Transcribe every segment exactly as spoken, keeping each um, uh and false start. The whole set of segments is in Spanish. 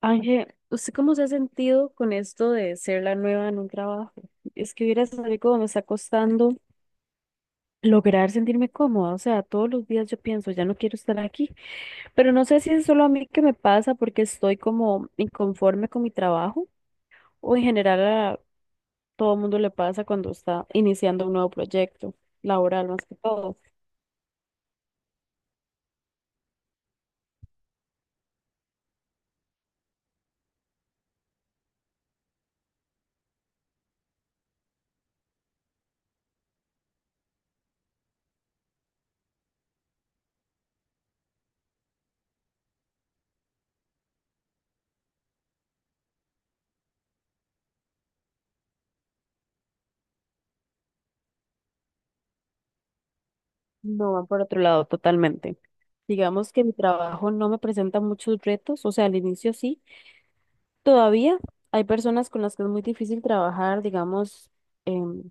Ángel, ¿usted cómo se ha sentido con esto de ser la nueva en un trabajo? Es que hubiera sabido cómo me está costando lograr sentirme cómoda. O sea, todos los días yo pienso, ya no quiero estar aquí. Pero no sé si es solo a mí que me pasa porque estoy como inconforme con mi trabajo, o en general a todo el mundo le pasa cuando está iniciando un nuevo proyecto laboral más que todo. No, van por otro lado totalmente. Digamos que mi trabajo no me presenta muchos retos, o sea, al inicio sí. Todavía hay personas con las que es muy difícil trabajar, digamos, em,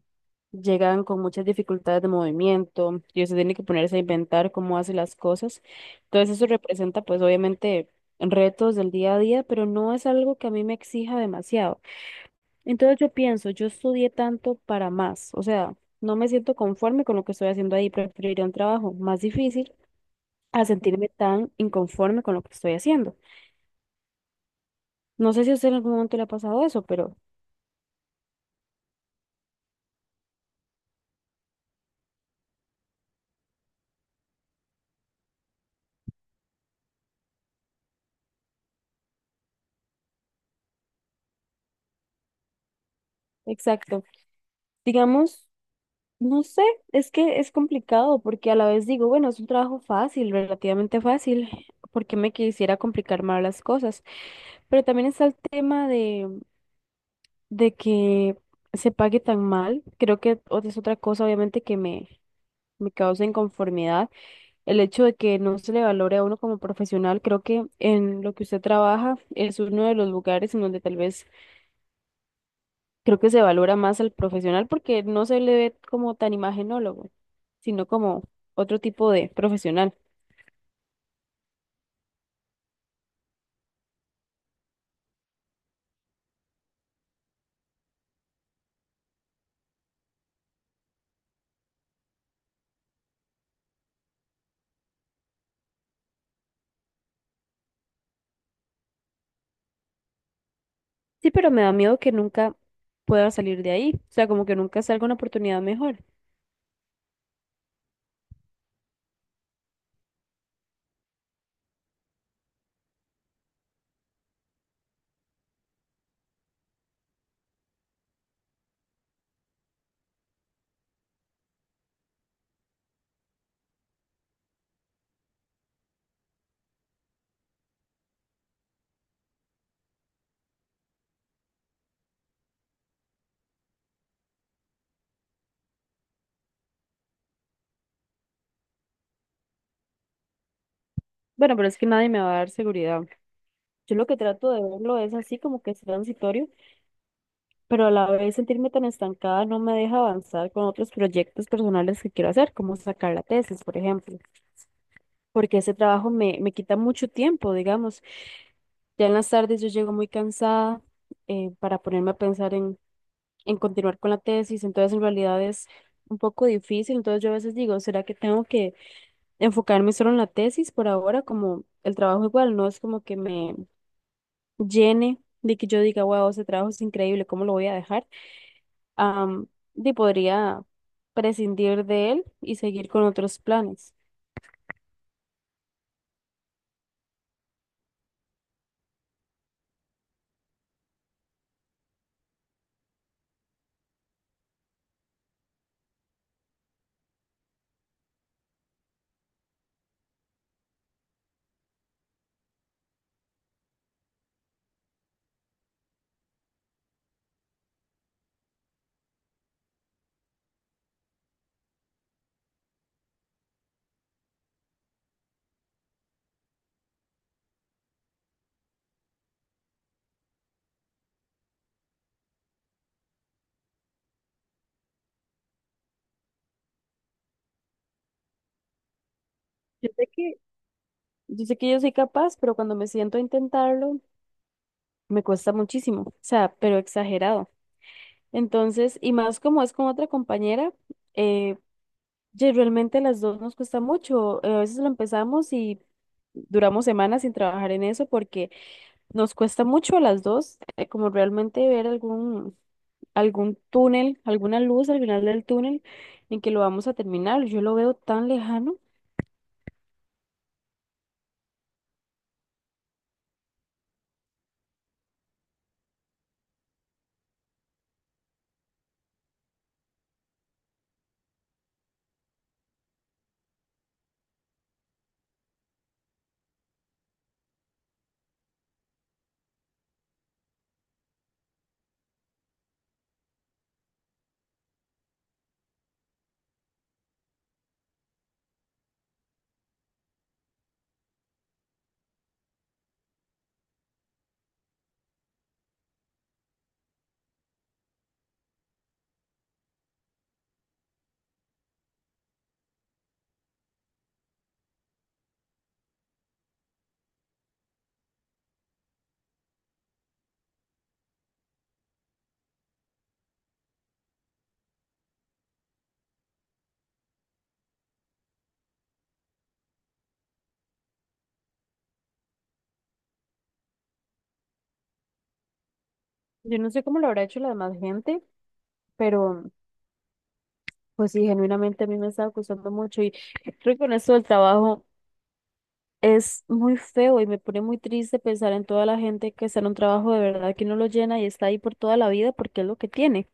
llegan con muchas dificultades de movimiento, y se tienen que ponerse a inventar cómo hace las cosas. Entonces eso representa pues obviamente retos del día a día, pero no es algo que a mí me exija demasiado. Entonces yo pienso, yo estudié tanto para más, o sea, no me siento conforme con lo que estoy haciendo ahí, preferiría un trabajo más difícil a sentirme tan inconforme con lo que estoy haciendo. No sé si a usted en algún momento le ha pasado eso, pero... Exacto. Digamos, no sé, es que es complicado porque a la vez digo, bueno, es un trabajo fácil, relativamente fácil, porque me quisiera complicar más las cosas, pero también está el tema de, de que se pague tan mal, creo que ot- es otra cosa obviamente que me, me causa inconformidad, el hecho de que no se le valore a uno como profesional. Creo que en lo que usted trabaja es uno de los lugares en donde tal vez creo que se valora más al profesional porque no se le ve como tan imagenólogo, sino como otro tipo de profesional. Sí, pero me da miedo que nunca pueda salir de ahí, o sea, como que nunca salga una oportunidad mejor. Bueno, pero es que nadie me va a dar seguridad. Yo lo que trato de verlo es así como que es transitorio, pero a la vez sentirme tan estancada no me deja avanzar con otros proyectos personales que quiero hacer, como sacar la tesis, por ejemplo, porque ese trabajo me, me quita mucho tiempo, digamos. Ya en las tardes yo llego muy cansada eh, para ponerme a pensar en, en continuar con la tesis. Entonces, en realidad es un poco difícil. Entonces yo a veces digo, ¿será que tengo que enfocarme solo en la tesis por ahora? Como el trabajo igual no es como que me llene, de que yo diga, wow, ese trabajo es increíble, ¿cómo lo voy a dejar? Am, y podría prescindir de él y seguir con otros planes. Yo sé que, yo sé que yo soy capaz, pero cuando me siento a intentarlo, me cuesta muchísimo, o sea, pero exagerado. Entonces, y más como es con otra compañera, eh, ye- realmente las dos nos cuesta mucho. Eh, a veces lo empezamos y duramos semanas sin trabajar en eso porque nos cuesta mucho a las dos, eh, como realmente ver algún, algún túnel, alguna luz al final del túnel en que lo vamos a terminar. Yo lo veo tan lejano. Yo no sé cómo lo habrá hecho la demás gente, pero pues sí, genuinamente a mí me está costando mucho, y creo que con esto del trabajo. Es muy feo y me pone muy triste pensar en toda la gente que está en un trabajo de verdad que no lo llena y está ahí por toda la vida porque es lo que tiene.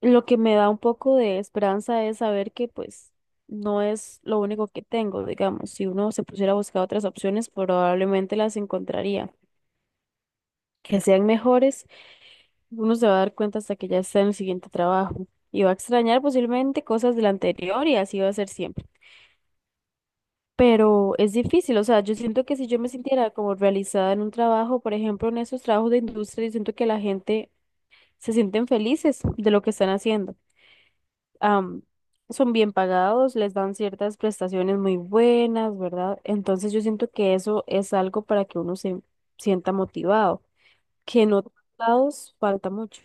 Lo que me da un poco de esperanza es saber que pues no es lo único que tengo, digamos. Si uno se pusiera a buscar otras opciones, probablemente las encontraría. Que sean mejores, uno se va a dar cuenta hasta que ya está en el siguiente trabajo y va a extrañar posiblemente cosas del anterior, y así va a ser siempre. Pero es difícil, o sea, yo siento que si yo me sintiera como realizada en un trabajo, por ejemplo, en esos trabajos de industria, yo siento que la gente se sienten felices de lo que están haciendo. Am, Son bien pagados, les dan ciertas prestaciones muy buenas, ¿verdad? Entonces yo siento que eso es algo para que uno se sienta motivado, que en otros lados falta mucho.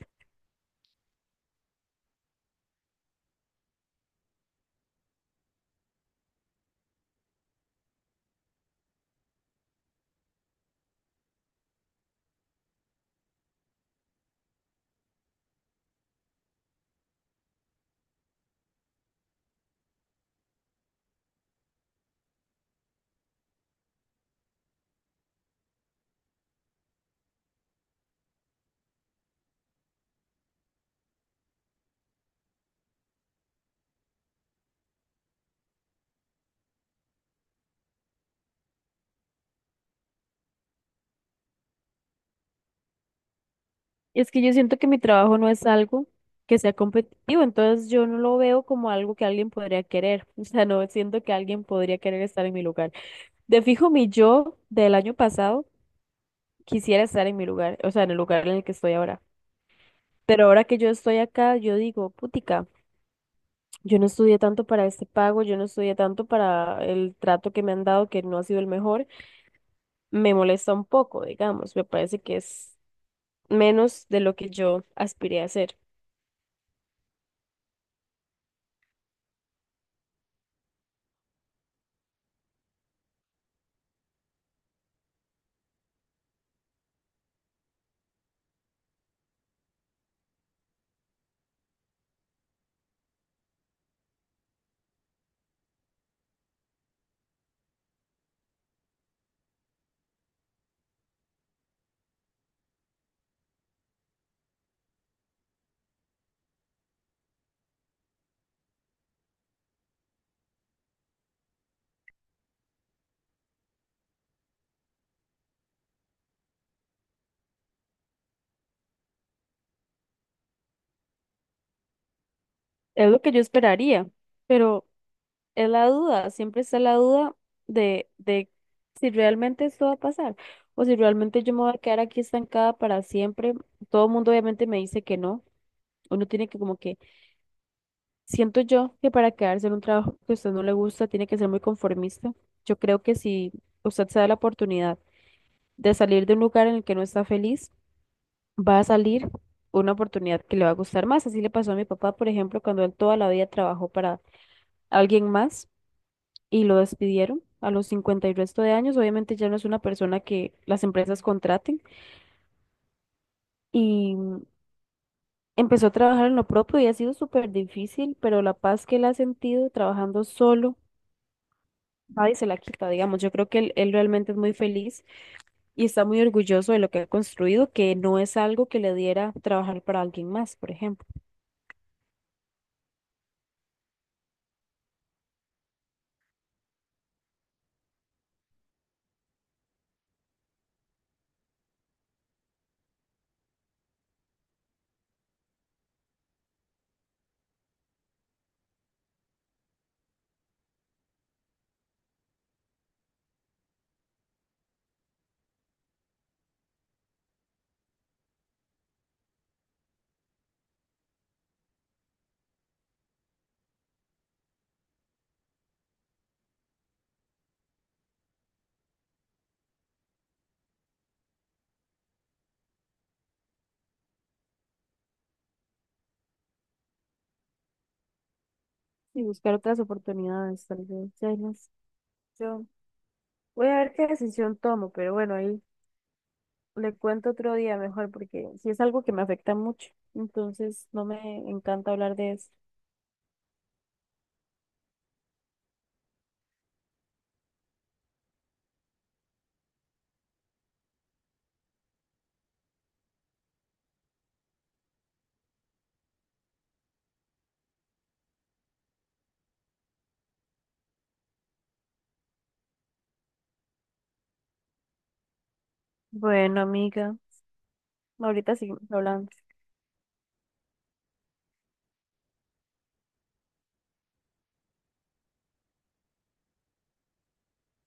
Es que yo siento que mi trabajo no es algo que sea competitivo, entonces yo no lo veo como algo que alguien podría querer. O sea, no siento que alguien podría querer estar en mi lugar. De fijo, mi yo del año pasado quisiera estar en mi lugar, o sea, en el lugar en el que estoy ahora. Pero ahora que yo estoy acá, yo digo, putica, yo no estudié tanto para este pago, yo no estudié tanto para el trato que me han dado, que no ha sido el mejor. Me molesta un poco, digamos, me parece que es menos de lo que yo aspiré a hacer. Es lo que yo esperaría, pero es la duda, siempre está la duda de, de si realmente esto va a pasar o si realmente yo me voy a quedar aquí estancada para siempre. Todo el mundo obviamente me dice que no. Uno tiene que como que, siento yo que para quedarse en un trabajo que a usted no le gusta, tiene que ser muy conformista. Yo creo que si usted se da la oportunidad de salir de un lugar en el que no está feliz, va a salir una oportunidad que le va a gustar más. Así le pasó a mi papá, por ejemplo, cuando él toda la vida trabajó para alguien más y lo despidieron a los cincuenta y resto de años. Obviamente ya no es una persona que las empresas contraten, y mm, empezó a trabajar en lo propio y ha sido súper difícil, pero la paz que él ha sentido trabajando solo, nadie se la quita, digamos. Yo creo que él, él realmente es muy feliz y está muy orgulloso de lo que ha construido, que no es algo que le diera trabajar para alguien más, por ejemplo. Y buscar otras oportunidades, tal vez. Ya hay más. Yo voy a ver qué decisión tomo, pero bueno, ahí le cuento otro día mejor, porque sí es algo que me afecta mucho, entonces no me encanta hablar de eso. Bueno, amiga, ahorita seguimos hablando.